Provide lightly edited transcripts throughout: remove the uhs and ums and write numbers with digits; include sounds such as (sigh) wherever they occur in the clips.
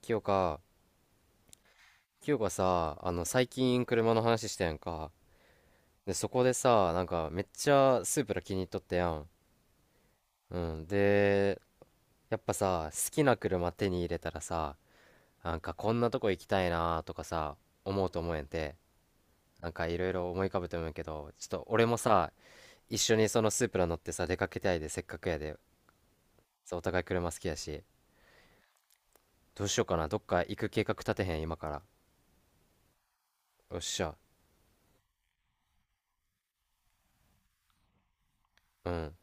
清香。清香さ、最近車の話したやんか。で、そこでさ、なんか、めっちゃスープラ気に入っとったやん。うん。で、やっぱさ、好きな車手に入れたらさ、なんか、こんなとこ行きたいなとかさ、思うと思えんて。なんか、いろいろ思い浮かぶと思うけど、ちょっと、俺もさ、一緒にそのスープラ乗ってさ、出かけたいで、せっかくやで。そう、お互い車好きやし。どうしようかな。どっか行く計画立てへん、今から。よっしゃ。うん。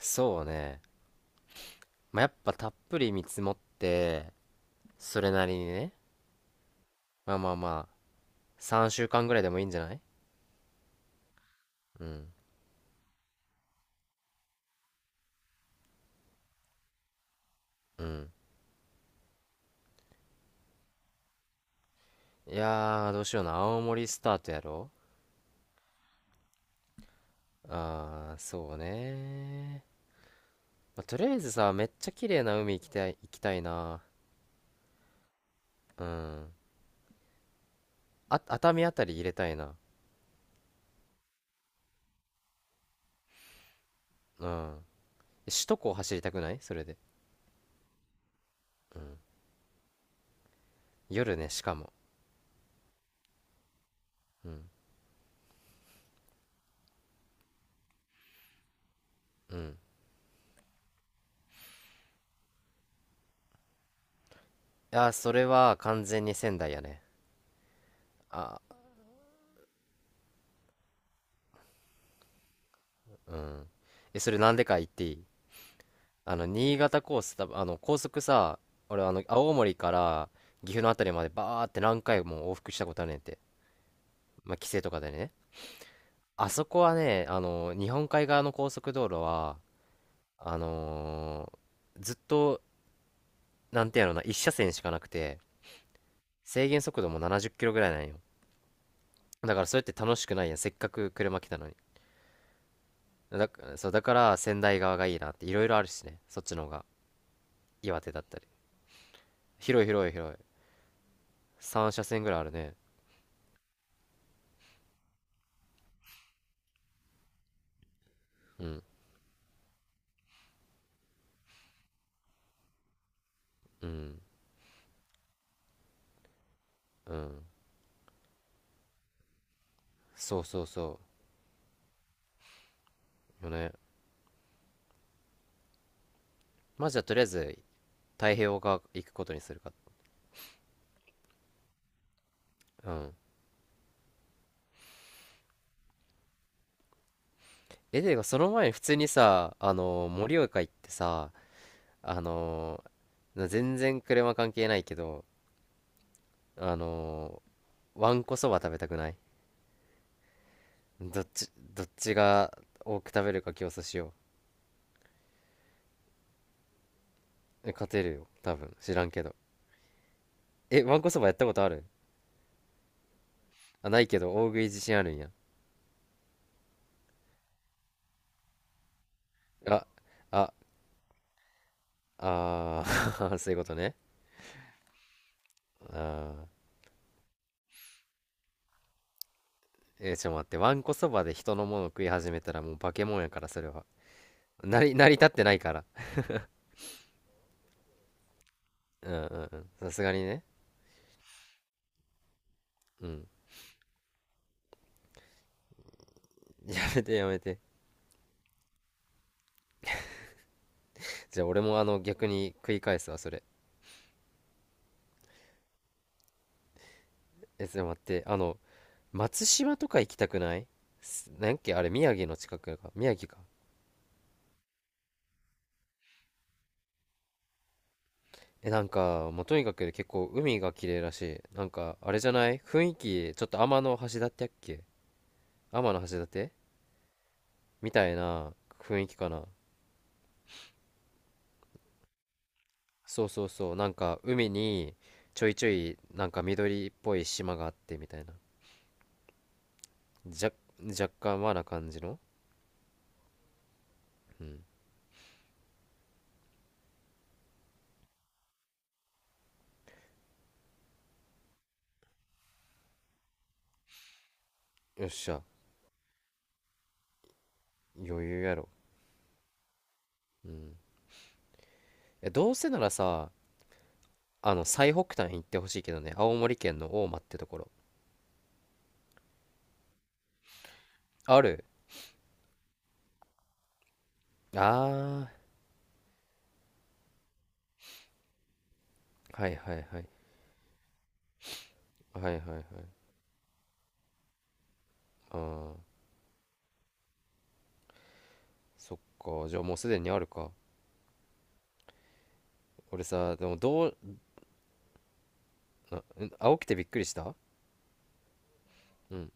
そうね。まあ、やっぱたっぷり見積もって、それなりにね、まあまあまあ、3週間ぐらいでもいいんじゃない？うん、うん。いやー、どうしような、青森スタートやろ？あー、そうねー。まあ、とりあえずさ、めっちゃ綺麗な海行きたい、行きたいな。うん。あ、熱海あたり入れたいな。うん。首都高走りたくない？それで。夜ね、しかも。うん。うん。いやー、それは完全に仙台やね。あ、うん。え、それなんでか言っていい？新潟コース、多分高速さ、俺、青森から岐阜のあたりまでバーって何回も往復したことあるねんて。まあ、帰省とかでね。あそこはね、あの、日本海側の高速道路は、あのずっと、なんていうのな、一車線しかなくて、制限速度も70キロぐらいなんよ。だから、それって楽しくないやん。せっかく車来たのに。だ、そう、だから、仙台側がいいなって、いろいろあるしね。そっちの方が。岩手だったり。広い広い広い。三車線ぐらいあるね。うん。うん。うん。そうそうそう。よね。まあじゃあとりあえず太平洋側行くことにするか。うん。え、でがその前に普通にさ、盛岡行ってさ、あの全然車関係ないけど、あのわんこそば食べたくない？どっちが多く食べるか競争しよう。え、勝てるよ。多分。知らんけど。え、わんこそばやったことある？あ、ないけど、大食い自信あるんや。あ、あ、あー (laughs) そういうことね。あー、ちょっと待って、わんこそばで人のもの食い始めたらもう化け物やから、それは。(laughs) 成り立ってないから。うんうんうん。さすがにね。うん。(laughs) やめてやめて。じゃあ俺もあの逆に食い返すわ、それ。え、ちょっと待って、松島とか行きたくない？なんやっけあれ、宮城の近くか。宮城か。え、なんか、もうとにかく結構海が綺麗らしい。なんか、あれじゃない雰囲気、ちょっと天の橋立やっけ？天の橋立みたいな雰囲気かな。そうそうそう、なんか海にちょいちょいなんか緑っぽい島があってみたいな。じゃ若干和な感じの。うん。よっしゃ。余裕やろ？うん。え、どうせならさ、あの最北端行ってほしいけどね、青森県の大間ってところ。ある？ああー、はいはいはい。はいはいはい。あー、そっか、じゃあもうすでにあるか。俺さでもどう？あん、青くてびっくりした？うん。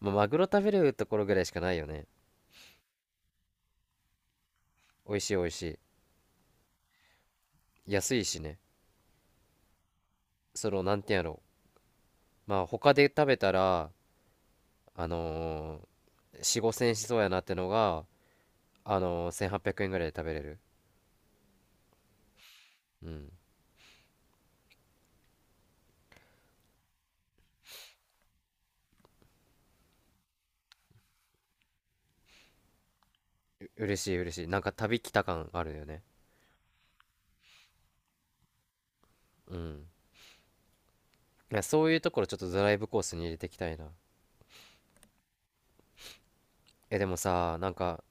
まあマグロ食べるところぐらいしかないよね。美味しい美味しい。安いしね。その、なんていうんやろう。まあ、他で食べたら、あの4、5千円しそうやなってのが、1800円ぐらいで食べれる。うん。う嬉しい、嬉しい、なんか旅来た感あるよね。うん。いや、そういうところちょっとドライブコースに入れていきたいな。え、でもさ、なんか、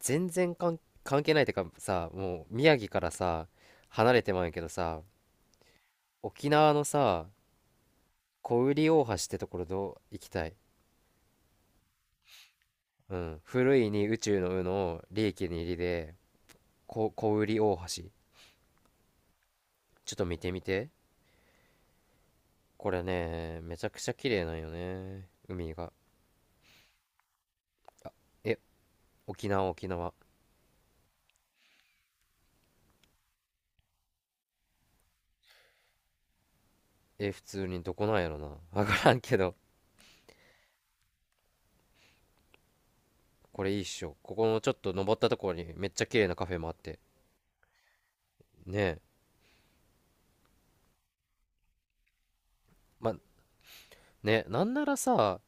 全然関係ないってかさ、もう、宮城からさ、離れてまうんやけどさ、沖縄のさ、小売大橋ってところどう？行きたい。うん。古いに宇宙の「う」の利益に入りで、小売大橋。ちょっと見てみて。これね、めちゃくちゃ綺麗なんよね。海が。え、沖縄、沖縄。え、普通にどこなんやろな。わからんけど。これいいっしょ。ここのちょっと登ったところにめっちゃ綺麗なカフェもあって。ねえ。ま、ね、なんならさ、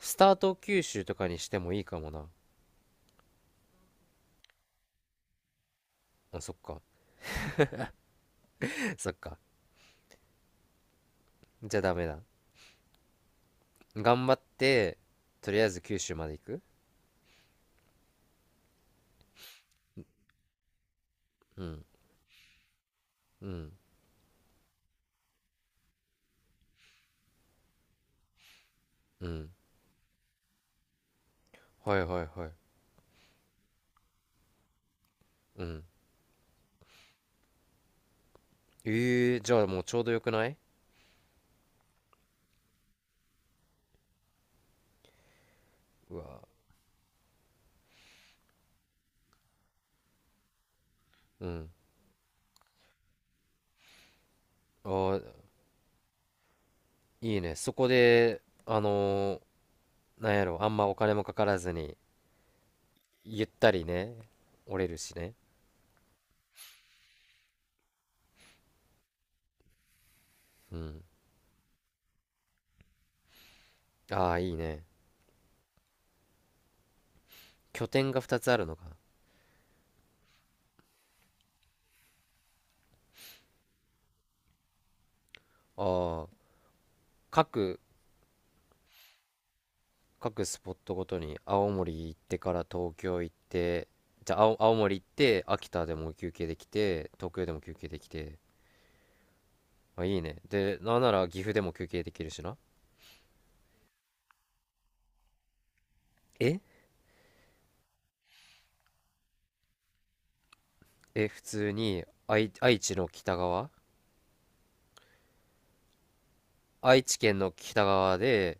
スタート九州とかにしてもいいかもな。あ、そっか。(laughs) そっか。じゃあダメだ。頑張って、とりあえず九州まで行く。うん。うん。うん。はいはいはい。うん。ええー、じゃあもうちょうどよくない？うわ。うん。お、いいね。そこで、なんやろ、あんまお金もかからずに、ゆったりね、折れるしね。うん。ああ、いいね。拠点が2つあるのか。ああ、各、各スポットごとに、青森行ってから東京行って、じゃあ青森行って、秋田でも休憩できて、東京でも休憩できて。あ、いいね。で、なんなら岐阜でも休憩できるしな。ええ、普通に、愛知の北側。愛知県の北側で、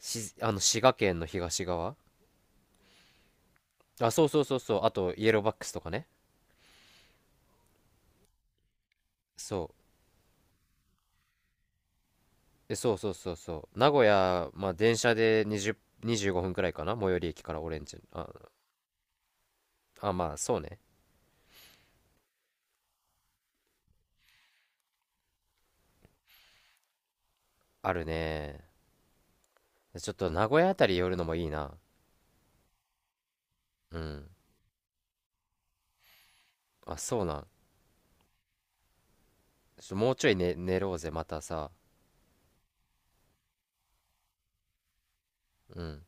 し、あの、滋賀県の東側。あ、そうそうそうそう。あと、イエローバックスとかね。そう。え、そうそうそうそう。名古屋、まあ、電車で20、25分くらいかな。最寄り駅からオレンジ。あ、まあ、そうね。あるね。ちょっと名古屋あたり寄るのもいいな。うん。あ、そうなん。もうちょい寝ろうぜ、またさ。うん。